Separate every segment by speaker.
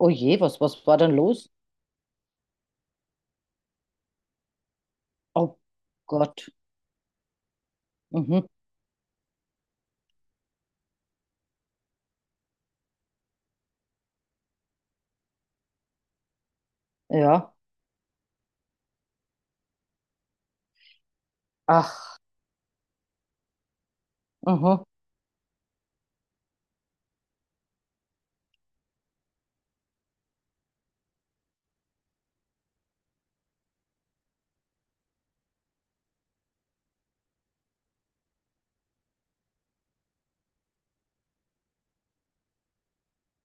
Speaker 1: Oh je, was war denn los? Oh Gott. Mhm. Ja. Ach, mhm.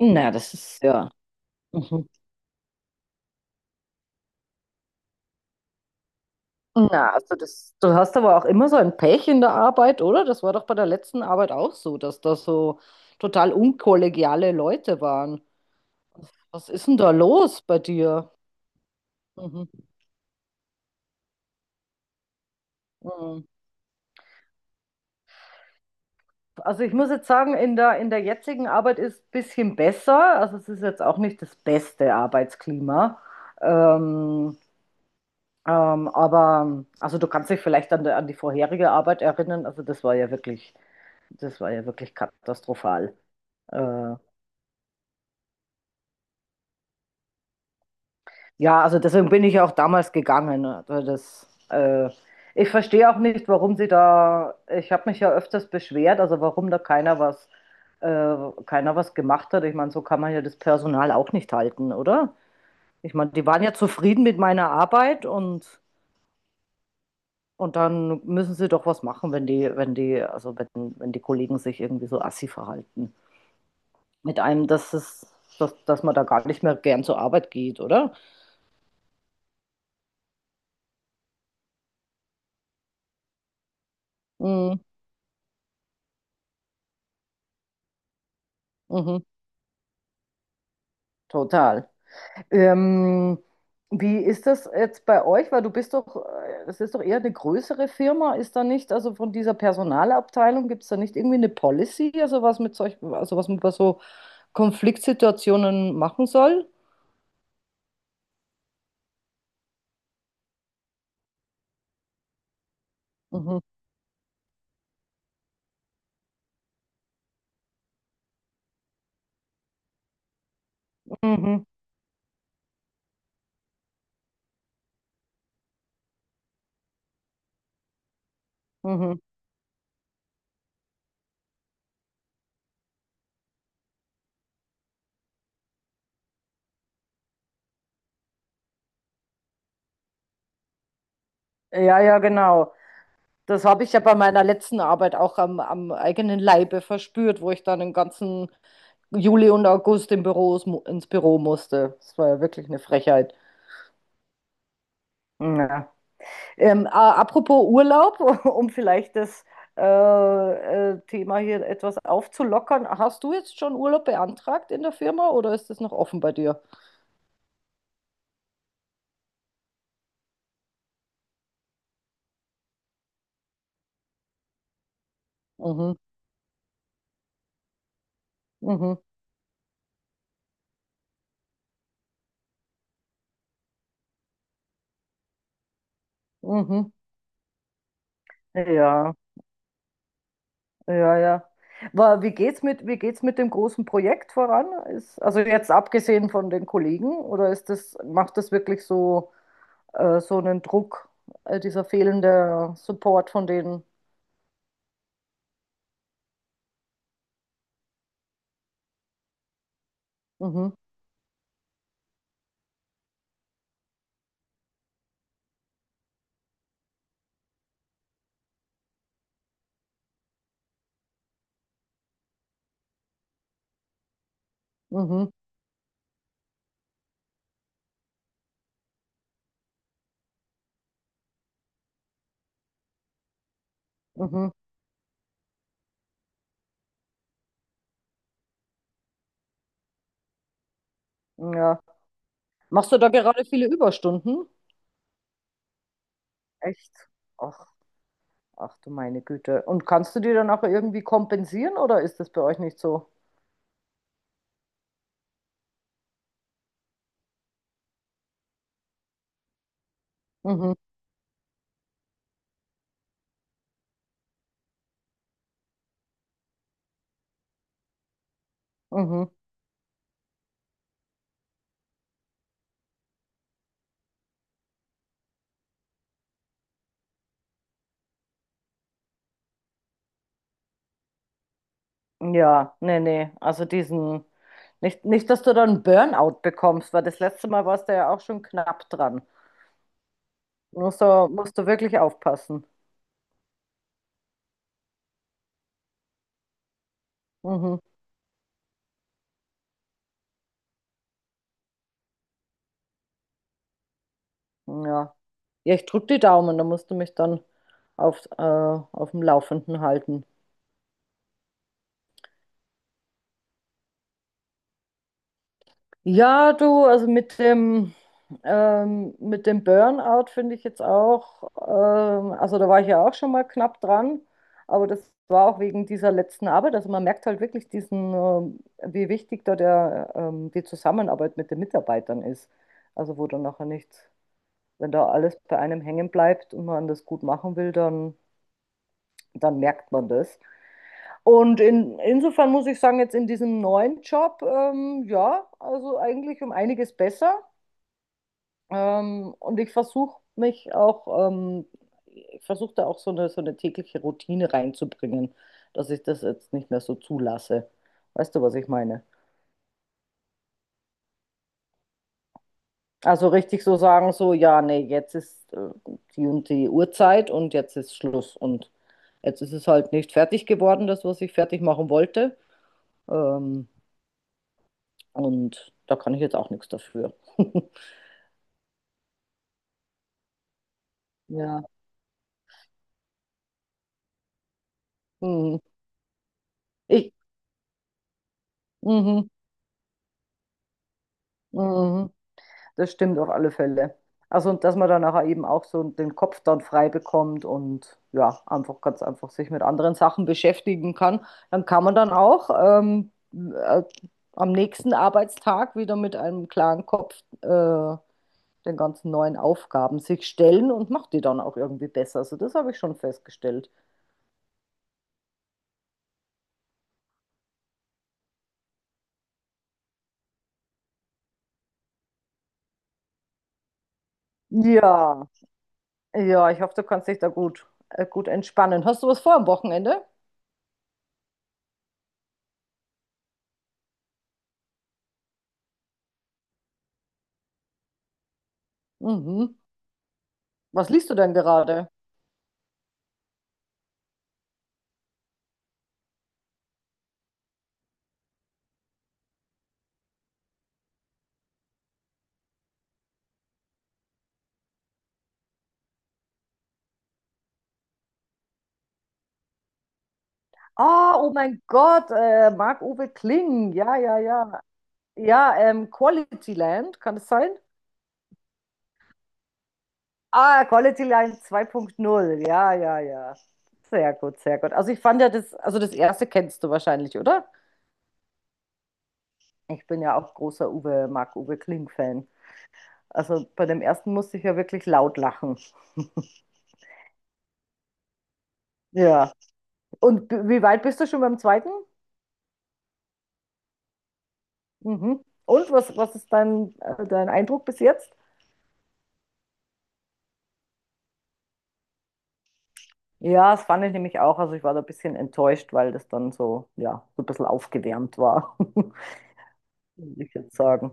Speaker 1: Na, das ist ja. Mhm. Na, also das, du hast aber auch immer so ein Pech in der Arbeit, oder? Das war doch bei der letzten Arbeit auch so, dass da so total unkollegiale Leute waren. Was ist denn da los bei dir? Mhm. Mhm. Also ich muss jetzt sagen, in der jetzigen Arbeit ist es ein bisschen besser. Also es ist jetzt auch nicht das beste Arbeitsklima. Ähm, aber also du kannst dich vielleicht an die vorherige Arbeit erinnern. Also das war ja wirklich katastrophal. Äh, ja, also deswegen bin ich auch damals gegangen. Also ich verstehe auch nicht, warum sie da, ich habe mich ja öfters beschwert, also warum da äh, keiner was gemacht hat. Ich meine, so kann man ja das Personal auch nicht halten, oder? Ich meine, die waren ja zufrieden mit meiner Arbeit. Und dann müssen sie doch was machen, wenn die Kollegen sich irgendwie so assi verhalten. Mit einem, dass man da gar nicht mehr gern zur Arbeit geht, oder? Mhm, mhm, total. Ähm, Wie ist das jetzt bei euch? Weil du bist doch, das ist doch eher eine größere Firma, ist da nicht, also von dieser Personalabteilung gibt es da nicht irgendwie eine Policy, also also was man bei so Konfliktsituationen machen soll? Mhm, mhm, mhm. Ja, ja, genau. Das habe ich ja bei meiner letzten Arbeit auch am eigenen Leibe verspürt, wo ich dann den ganzen Juli und August ins Büro musste. Das war ja wirklich eine Frechheit. Ja. Apropos Urlaub, um vielleicht das Thema hier etwas aufzulockern. Hast du jetzt schon Urlaub beantragt in der Firma, oder ist das noch offen bei dir? Mhm, mhm, mhm. Ja. Ja, ja. Aber wie geht's mit dem großen Projekt voran? Also jetzt abgesehen von den Kollegen, oder ist das, macht das wirklich so einen Druck, dieser fehlende Support von denen? Mhm, mhm, mhm, ja. Machst du da gerade viele Überstunden? Echt? Ach, ach du meine Güte. Und kannst du die dann auch irgendwie kompensieren, oder ist das bei euch nicht so? Mhm, mhm. Ja, nee, nee. Also nicht, dass du dann einen Burnout bekommst, weil das letzte Mal warst du ja auch schon knapp dran. Musst du wirklich aufpassen. Mhm. Ja. Ja, ich drück die Daumen, da musst du mich dann auf dem Laufenden halten. Ja, du, also mit dem Burnout finde ich jetzt auch, also da war ich ja auch schon mal knapp dran, aber das war auch wegen dieser letzten Arbeit. Also man merkt halt wirklich wie wichtig da die Zusammenarbeit mit den Mitarbeitern ist. Also wo dann nachher nichts, wenn da alles bei einem hängen bleibt und man das gut machen will, dann merkt man das. Und insofern muss ich sagen, jetzt in diesem neuen Job, ja, also eigentlich um einiges besser. Und ich versuche mich auch, ich versuche da auch so eine tägliche Routine reinzubringen, dass ich das jetzt nicht mehr so zulasse. Weißt du, was ich meine? Also richtig so sagen, so, ja, nee, jetzt ist die und die Uhrzeit und jetzt ist Schluss. Und jetzt ist es halt nicht fertig geworden, das, was ich fertig machen wollte. Ähm, und da kann ich jetzt auch nichts dafür. Ja. Mhm. Ich, mhm, mhm. Mhm. Das stimmt auf alle Fälle. Also und dass man dann nachher eben auch so den Kopf dann frei bekommt und ja, einfach ganz einfach sich mit anderen Sachen beschäftigen kann, dann kann man dann auch am nächsten Arbeitstag wieder mit einem klaren Kopf den ganzen neuen Aufgaben sich stellen und macht die dann auch irgendwie besser. Also das habe ich schon festgestellt. Ja, ja, ich hoffe, du kannst dich da gut entspannen. Hast du was vor am Wochenende? Mhm. Was liest du denn gerade? Ah, oh mein Gott, Marc-Uwe Kling. Ja, ja, ja. Ja, Quality Land, kann es sein? Ah, Quality Land 2.0, ja, ja, ja. Sehr gut, sehr gut. Also ich fand ja das, also das erste kennst du wahrscheinlich, oder? Ich bin ja auch großer Marc-Uwe Kling-Fan. Also bei dem ersten musste ich ja wirklich laut lachen. Ja. Und wie weit bist du schon beim zweiten? Mhm. Und was ist dein Eindruck bis jetzt? Ja, das fand ich nämlich auch. Also ich war da ein bisschen enttäuscht, weil das dann so, ja, so ein bisschen aufgewärmt war, würde ich jetzt sagen.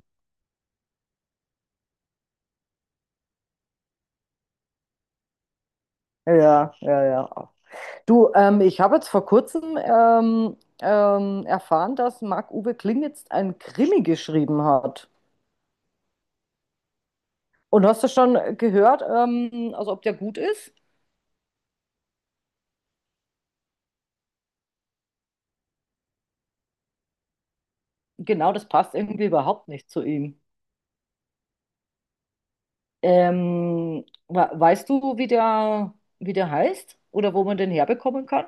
Speaker 1: Ja, ja, ja. Du, ich habe jetzt vor kurzem erfahren, dass Marc-Uwe Kling jetzt einen Krimi geschrieben hat. Und hast du schon gehört, also ob der gut ist? Genau, das passt irgendwie überhaupt nicht zu ihm. Weißt du, wie der heißt oder wo man den herbekommen kann?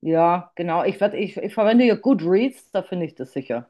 Speaker 1: Ja, genau. Ich verwende hier Goodreads, da finde ich das sicher.